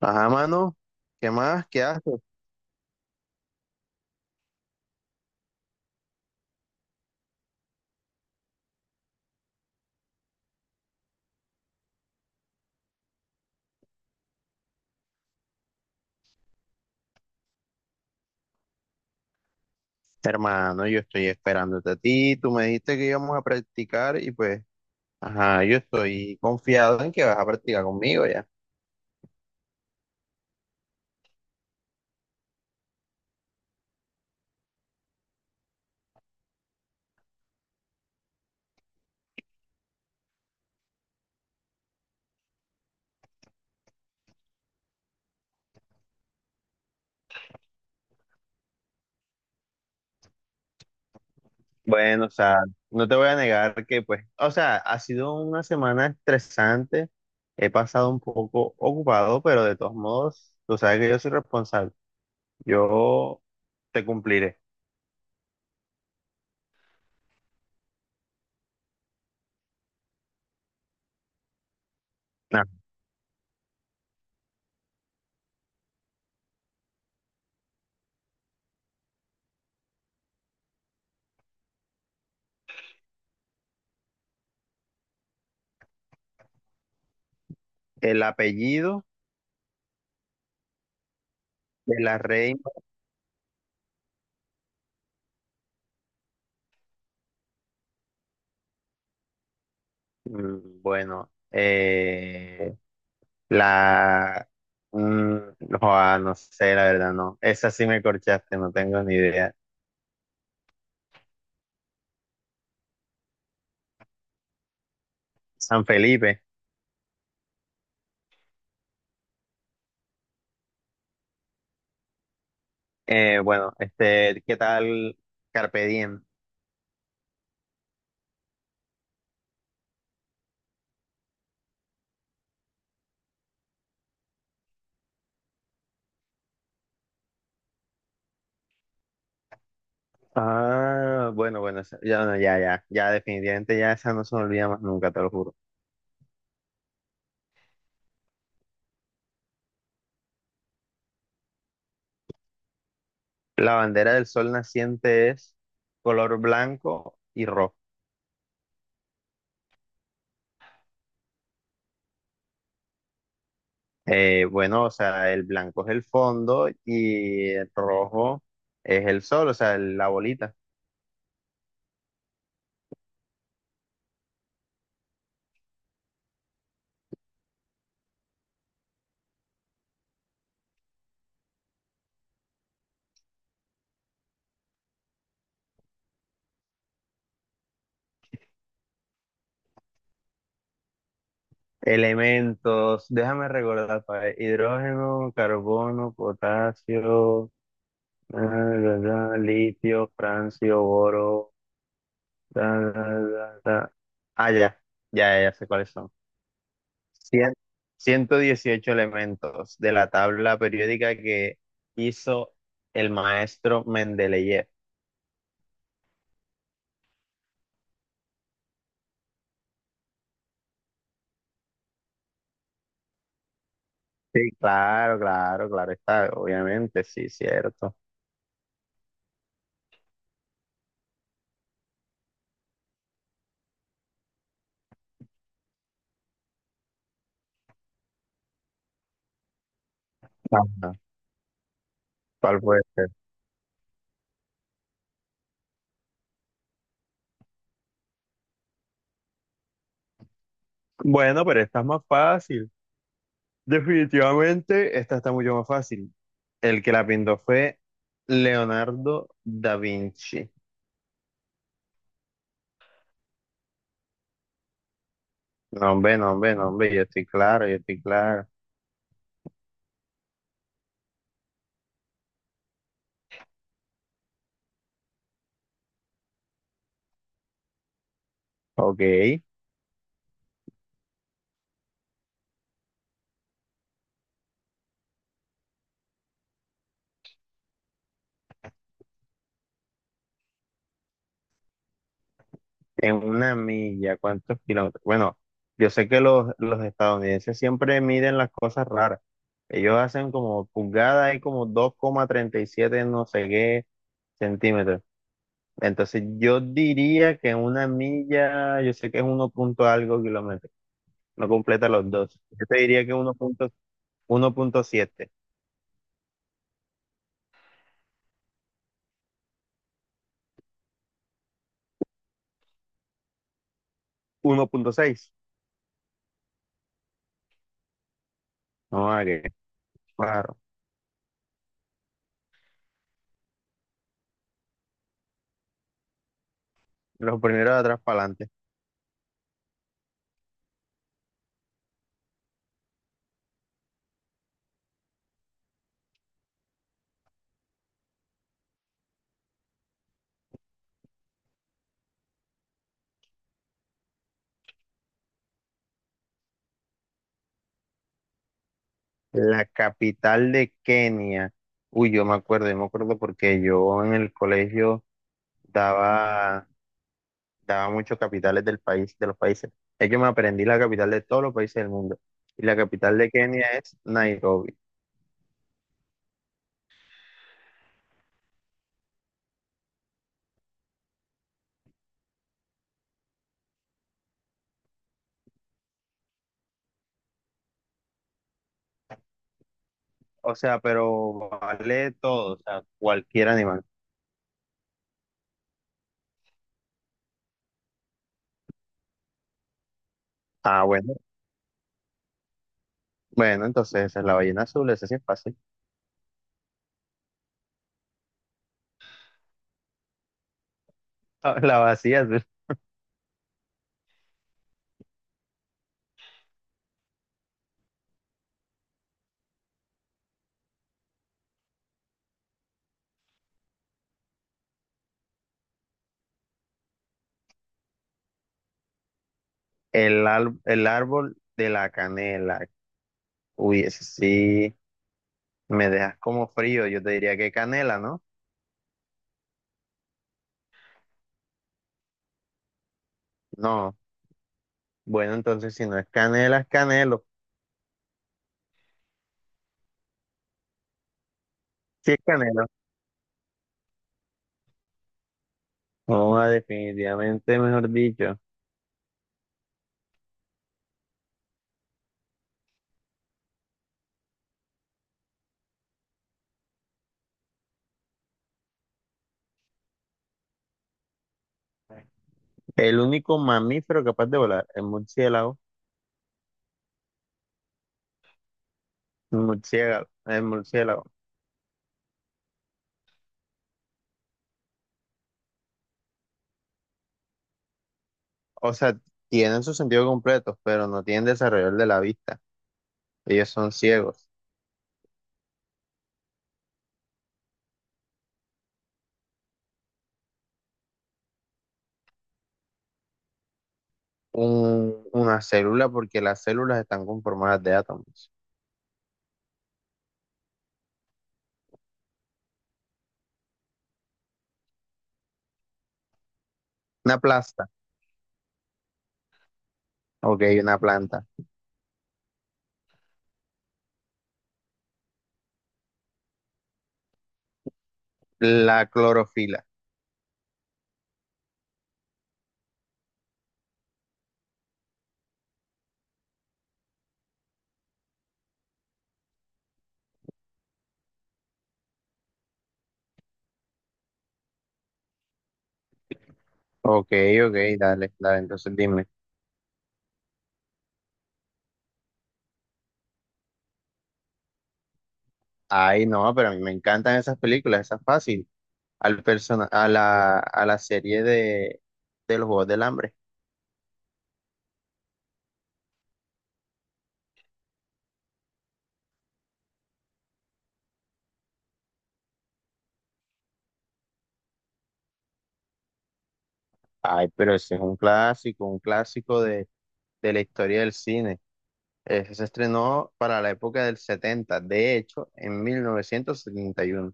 Ajá, mano, ¿qué más? ¿Qué haces? Hermano, yo estoy esperándote a ti. Tú me dijiste que íbamos a practicar y pues, ajá, yo estoy confiado en que vas a practicar conmigo ya. Bueno, o sea, no te voy a negar que pues, o sea, ha sido una semana estresante. He pasado un poco ocupado, pero de todos modos, tú sabes que yo soy responsable. Yo te cumpliré. Ah, el apellido de la reina, bueno, la... mm, joa, no sé, la verdad, no. Esa sí me corchaste, no tengo ni idea. San Felipe. Bueno, este, ¿qué tal Carpe Diem? Ah, bueno, bueno, esa- ya, no, ya, ya, ya, definitivamente ya esa no se me olvida más nunca, te lo juro. La bandera del sol naciente es color blanco y rojo. Bueno, o sea, el blanco es el fondo y el rojo es el sol, o sea, el- la bolita. Elementos, déjame recordar, pa' ver, hidrógeno, carbono, potasio, da, da, da, litio, francio, boro, da, da, da, da. Ah, ya, ya, ya sé cuáles son. Cien- 118 elementos de la tabla periódica que hizo el maestro Mendeleev. Sí, claro, claro, claro está, obviamente, sí, cierto. Ajá. ¿Cuál puede ser? Bueno, pero esta es más fácil. Definitivamente, esta está mucho más fácil. El que la pintó fue Leonardo da Vinci. No, hombre, no, hombre, no, hombre, yo estoy claro, yo estoy claro. Ok, en una milla, ¿cuántos kilómetros? Bueno, yo sé que los estadounidenses siempre miden las cosas raras. Ellos hacen como pulgadas y como dos coma treinta y siete no sé qué centímetros. Entonces yo diría que en una milla, yo sé que es uno punto algo kilómetros. No completa los dos. Yo te diría que uno uno punto punto siete, uno punto seis. No, ah, que claro. Los primeros de atrás para adelante. La capital de Kenia. Uy, yo me acuerdo porque yo en el colegio daba, daba muchos capitales del país, de los países. Es que me aprendí la capital de todos los países del mundo. Y la capital de Kenia es Nairobi. O sea, pero vale todo, o sea, cualquier animal. Ah, bueno. Bueno, entonces esa es la ballena azul, ese sí es fácil. La vacía, el, al- el árbol de la canela. Uy, ese sí me dejas como frío. Yo te diría que canela, ¿no? No. Bueno, entonces si no es canela, es canelo. Sí es canelo. No, ah, definitivamente, mejor dicho. El único mamífero capaz de volar, el murciélago. El murciélago, el murciélago. O sea, tienen su sentido completo, pero no tienen desarrollo el de la vista. Ellos son ciegos. Una célula, porque las células están conformadas de átomos. Una planta. Ok, una planta. La clorofila. Ok, ok, dale, dale, entonces dime. Ay, no, pero a mí me encantan esas películas, esas fácil. Al persona, a la serie de los Juegos del Hambre. Ay, pero ese es un clásico de la historia del cine. Ese se estrenó para la época del 70, de hecho, en 1971.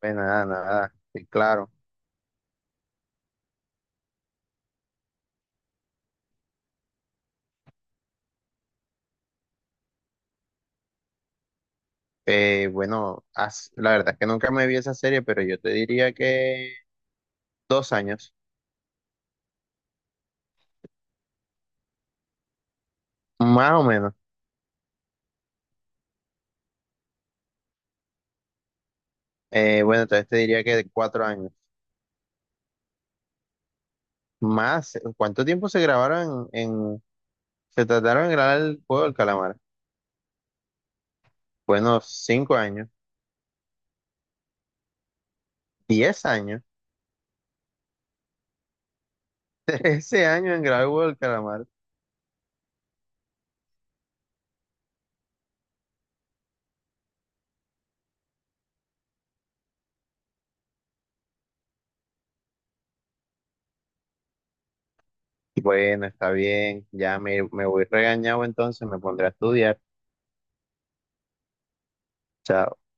Pues nada, nada, sí, claro. Bueno, la verdad es que nunca me vi esa serie, pero yo te diría que dos años, más o menos. Bueno, entonces te diría que de cuatro años. Más, ¿cuánto tiempo se grabaron se trataron de grabar el juego del calamar? Bueno, cinco años, diez años, trece años en grabar el juego del calamar. Bueno, está bien, me voy regañado entonces, me pondré a estudiar. Chao.